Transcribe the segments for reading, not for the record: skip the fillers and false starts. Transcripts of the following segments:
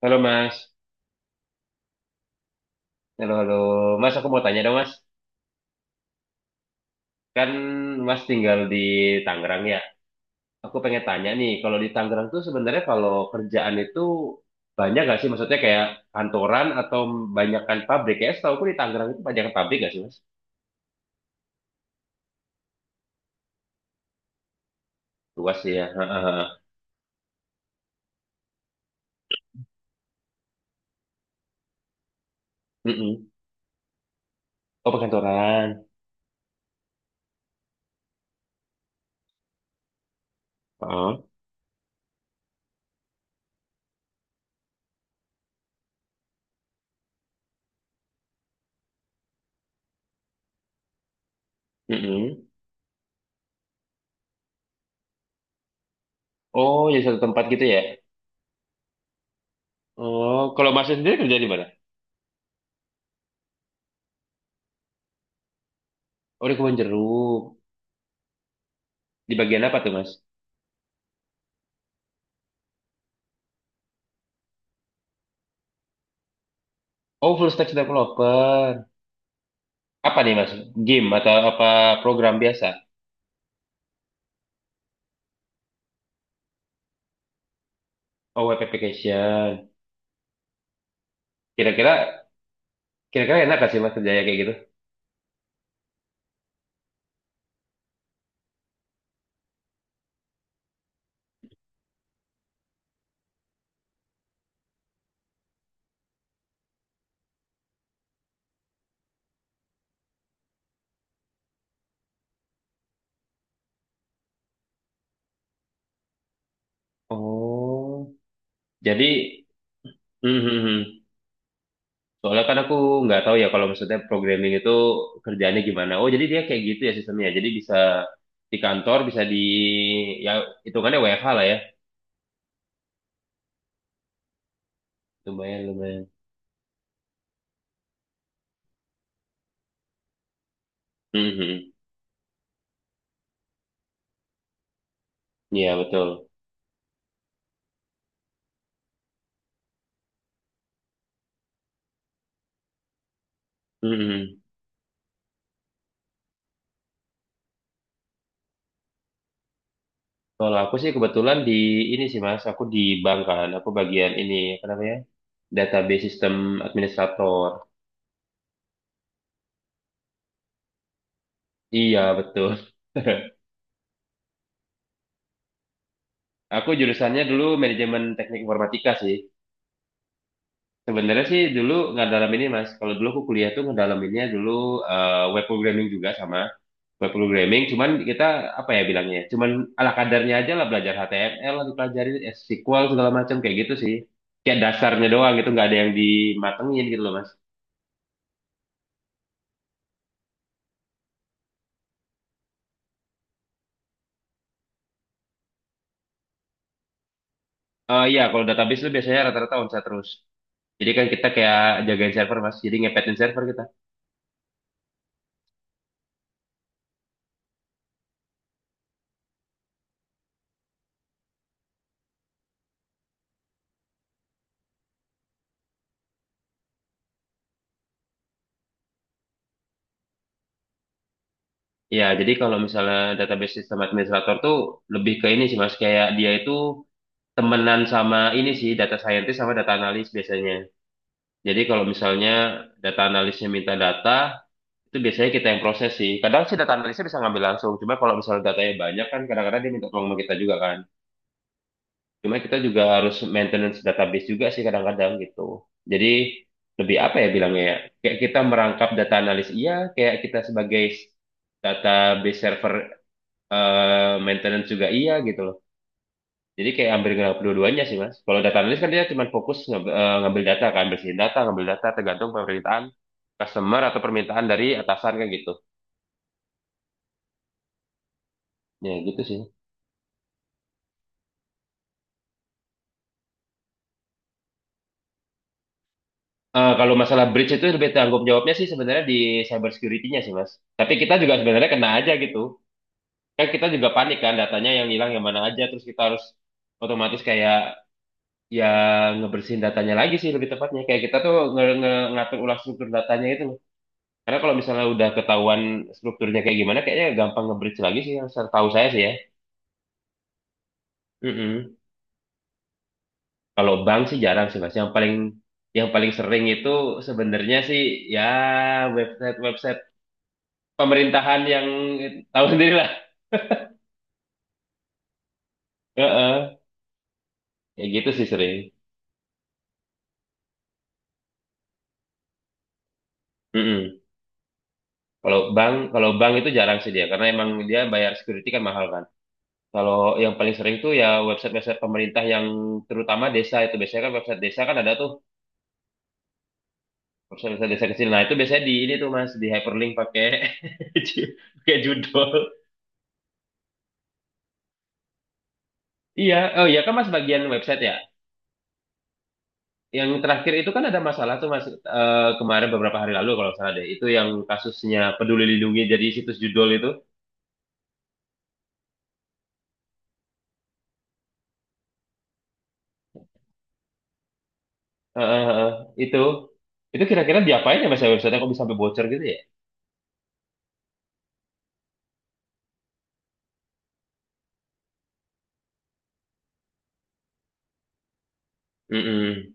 Halo Mas, halo halo Mas, aku mau tanya dong Mas, kan Mas tinggal di Tangerang ya. Aku pengen tanya nih, kalau di Tangerang tuh sebenarnya kalau kerjaan itu banyak gak sih? Maksudnya kayak kantoran atau banyakkan pabrik ya? Setahu aku di Tangerang itu banyakkan pabrik gak sih Mas? Luas sih ya. Heeh. Mm-mm. Oh perkantoran. Heeh. Mm-mm. Oh jadi satu tempat gitu ya? Oh kalau Mas sendiri kerja di mana? Oh di Kebon Jeruk. Di bagian apa tuh Mas? Oh full stack developer. Apa nih Mas? Game atau apa program biasa? Oh, web application. Kira-kira kira-kira enak gak sih Mas kerjanya kayak gitu? Oh, jadi hmm, hmm, hmm. Soalnya kan aku nggak tahu ya kalau maksudnya programming itu kerjaannya gimana. Oh, jadi dia kayak gitu ya sistemnya. Jadi bisa di kantor, bisa di ya hitungannya WFH lah ya. Lumayan, lumayan. Hmm, hmm. Iya, betul. Hmm, hmm. Kalau aku sih kebetulan di ini sih Mas, aku di bank kan, aku bagian ini apa namanya? Database System Administrator. Iya, betul. Aku jurusannya dulu manajemen teknik informatika sih. Sebenarnya sih dulu nggak dalam ini mas. Kalau dulu aku kuliah tuh ngedalaminnya dulu web programming juga sama web programming. Cuman kita apa ya bilangnya? Cuman ala kadarnya aja lah belajar HTML, lah dipelajarin SQL segala macam kayak gitu sih. Kayak dasarnya doang gitu nggak ada yang dimatengin gitu loh mas. Iya, kalau database itu biasanya rata-rata onsite terus. Jadi kan kita kayak jagain server mas, jadi ngepetin server kita. Iya, jadi kalau misalnya database sistem administrator tuh lebih ke ini sih mas, kayak dia itu temenan sama ini sih, data scientist sama data analis biasanya. Jadi kalau misalnya data analisnya minta data, itu biasanya kita yang proses sih. Kadang sih data analisnya bisa ngambil langsung, cuma kalau misalnya datanya banyak kan kadang-kadang dia minta tolong sama kita juga kan. Cuma kita juga harus maintenance database juga sih kadang-kadang gitu. Jadi lebih apa ya bilangnya ya? Kayak kita merangkap data analis, iya. Kayak kita sebagai database server maintenance juga iya gitu loh. Jadi kayak ngambil dua-duanya sih mas. Kalau data analis kan dia cuma fokus ngambil, ngambil data kan, bersihin data, ngambil data tergantung permintaan customer atau permintaan dari atasan kan gitu. Ya gitu sih. Eh, kalau masalah breach itu lebih tanggung jawabnya sih sebenarnya di cyber security-nya sih mas. Tapi kita juga sebenarnya kena aja gitu. Kan kita juga panik kan datanya yang hilang yang mana aja terus kita harus otomatis kayak ya ngebersihin datanya lagi sih lebih tepatnya kayak kita tuh nge nge- ngatur ulang struktur datanya itu loh. Karena kalau misalnya udah ketahuan strukturnya kayak gimana kayaknya gampang nge-breach lagi sih yang tahu saya sih ya. Mm-mm. Kalau bank sih jarang sih mas yang paling sering itu sebenarnya sih ya website website pemerintahan yang eh, tahu sendiri lah. Heeh. Kayak gitu sih sering. Mm-mm. Kalau bank itu jarang sih dia, karena emang dia bayar security kan mahal kan. Kalau yang paling sering tuh ya website-website pemerintah yang terutama desa itu biasanya kan website desa kan ada tuh website-website desa kecil. Nah itu biasanya di ini tuh mas di hyperlink pakai ju- pakai judul. Iya, oh iya kan mas bagian website ya. Yang terakhir itu kan ada masalah tuh mas kemarin beberapa hari lalu kalau nggak salah deh. Itu yang kasusnya Peduli Lindungi jadi situs judul itu. Eh, eh, eh, itu itu kira-kira diapain ya mas ya websitenya kok bisa sampai bocor gitu ya? Mm-mm.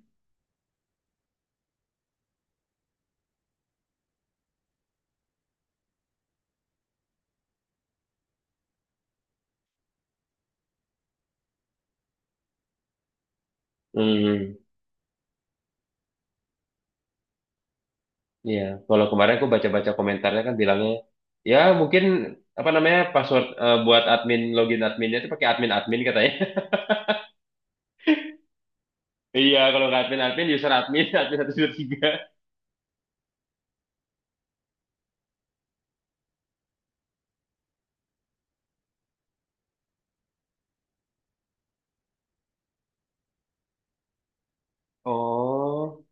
Hmm, iya. Kalau kemarin aku baca-baca komentarnya kan bilangnya, ya mungkin apa namanya password buat admin login adminnya itu pakai admin admin katanya. Iya, kalau nggak admin admin user admin admin 1, 2 3. Oh,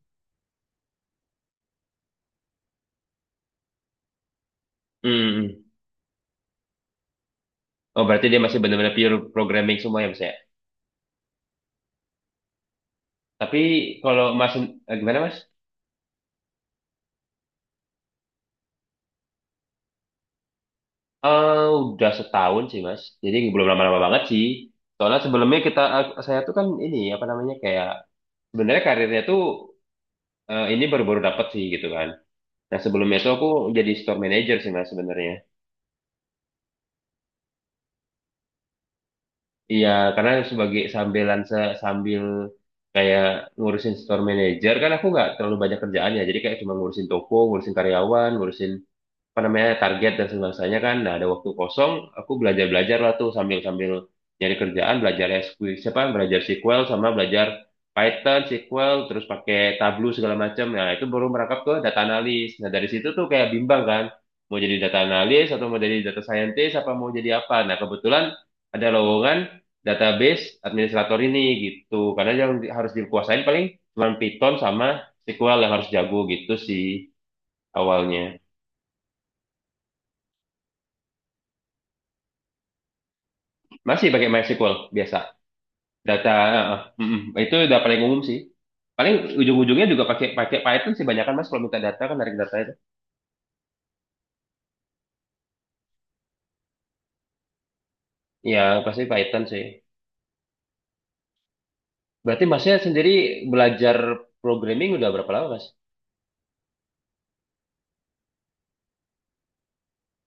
hmm. Oh berarti dia masih benar-benar pure programming semua ya mas ya. Tapi kalau mas gimana mas? Eh udah setahun sih mas. Jadi belum lama-lama banget sih. Soalnya sebelumnya saya tuh kan ini apa namanya kayak sebenarnya karirnya tuh ini baru-baru dapet sih gitu kan. Nah sebelumnya itu aku jadi store manager sih mas sebenarnya. Iya karena sebagai sambilan sambil kayak ngurusin store manager kan aku nggak terlalu banyak kerjaan ya. Jadi kayak cuma ngurusin toko, ngurusin karyawan, ngurusin apa namanya target dan sebangsanya kan nah ada waktu kosong aku belajar belajar lah tuh sambil sambil nyari kerjaan belajar SQL siapa belajar SQL sama belajar Python SQL terus pakai Tableau segala macam nah itu baru merangkap ke data analis nah dari situ tuh kayak bimbang kan mau jadi data analis atau mau jadi data scientist apa mau jadi apa nah kebetulan ada lowongan database administrator ini gitu karena yang harus dikuasain paling cuma Python sama SQL yang harus jago gitu sih awalnya. Masih pakai MySQL biasa. Data eh, eh, mm, mm. Itu udah paling umum sih. Paling ujung-ujungnya juga pakai pakai Python sih banyak kan Mas kalau minta data kan narik data itu. Ya, pasti Python sih. Berarti Masnya sendiri belajar programming udah berapa lama, Mas?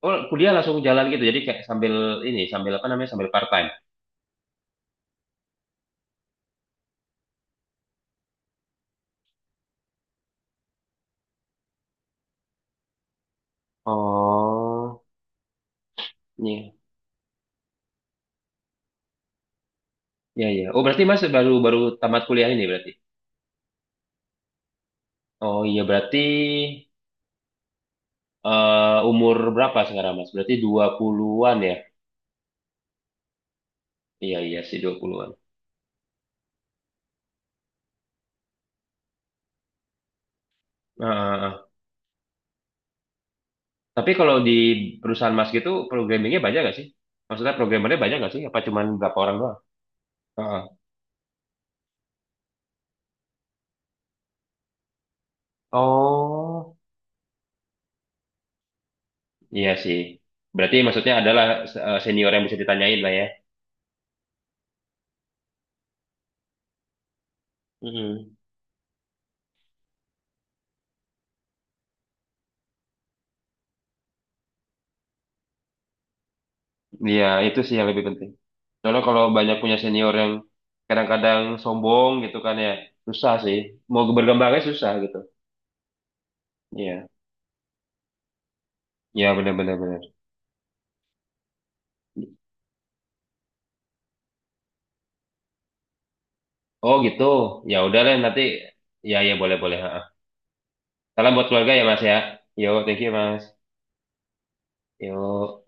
Oh, kuliah langsung jalan gitu. Jadi kayak sambil ini, sambil apa namanya? Sambil part time. Oh, iya. Iya, iya. Oh, berarti Mas baru baru tamat kuliah ini berarti. Oh, iya berarti umur berapa sekarang, Mas? Berarti 20-an ya? Iya, iya sih 20-an. Tapi kalau di perusahaan Mas gitu programmingnya banyak nggak sih? Maksudnya programmernya banyak nggak sih? Apa cuman berapa orang doang? Heeh. Oh, iya sih. Berarti maksudnya adalah senior yang bisa ditanyain lah ya. Mm-mm. Iya, itu sih yang lebih penting. Soalnya kalau banyak punya senior yang kadang-kadang sombong gitu kan ya, susah sih. Mau berkembangnya susah gitu. Iya, iya benar-benar benar. Benar, benar. Oh gitu, ya udah lah nanti. Ya ya boleh boleh. Salam buat keluarga ya Mas ya. Yo, thank you Mas. Yo.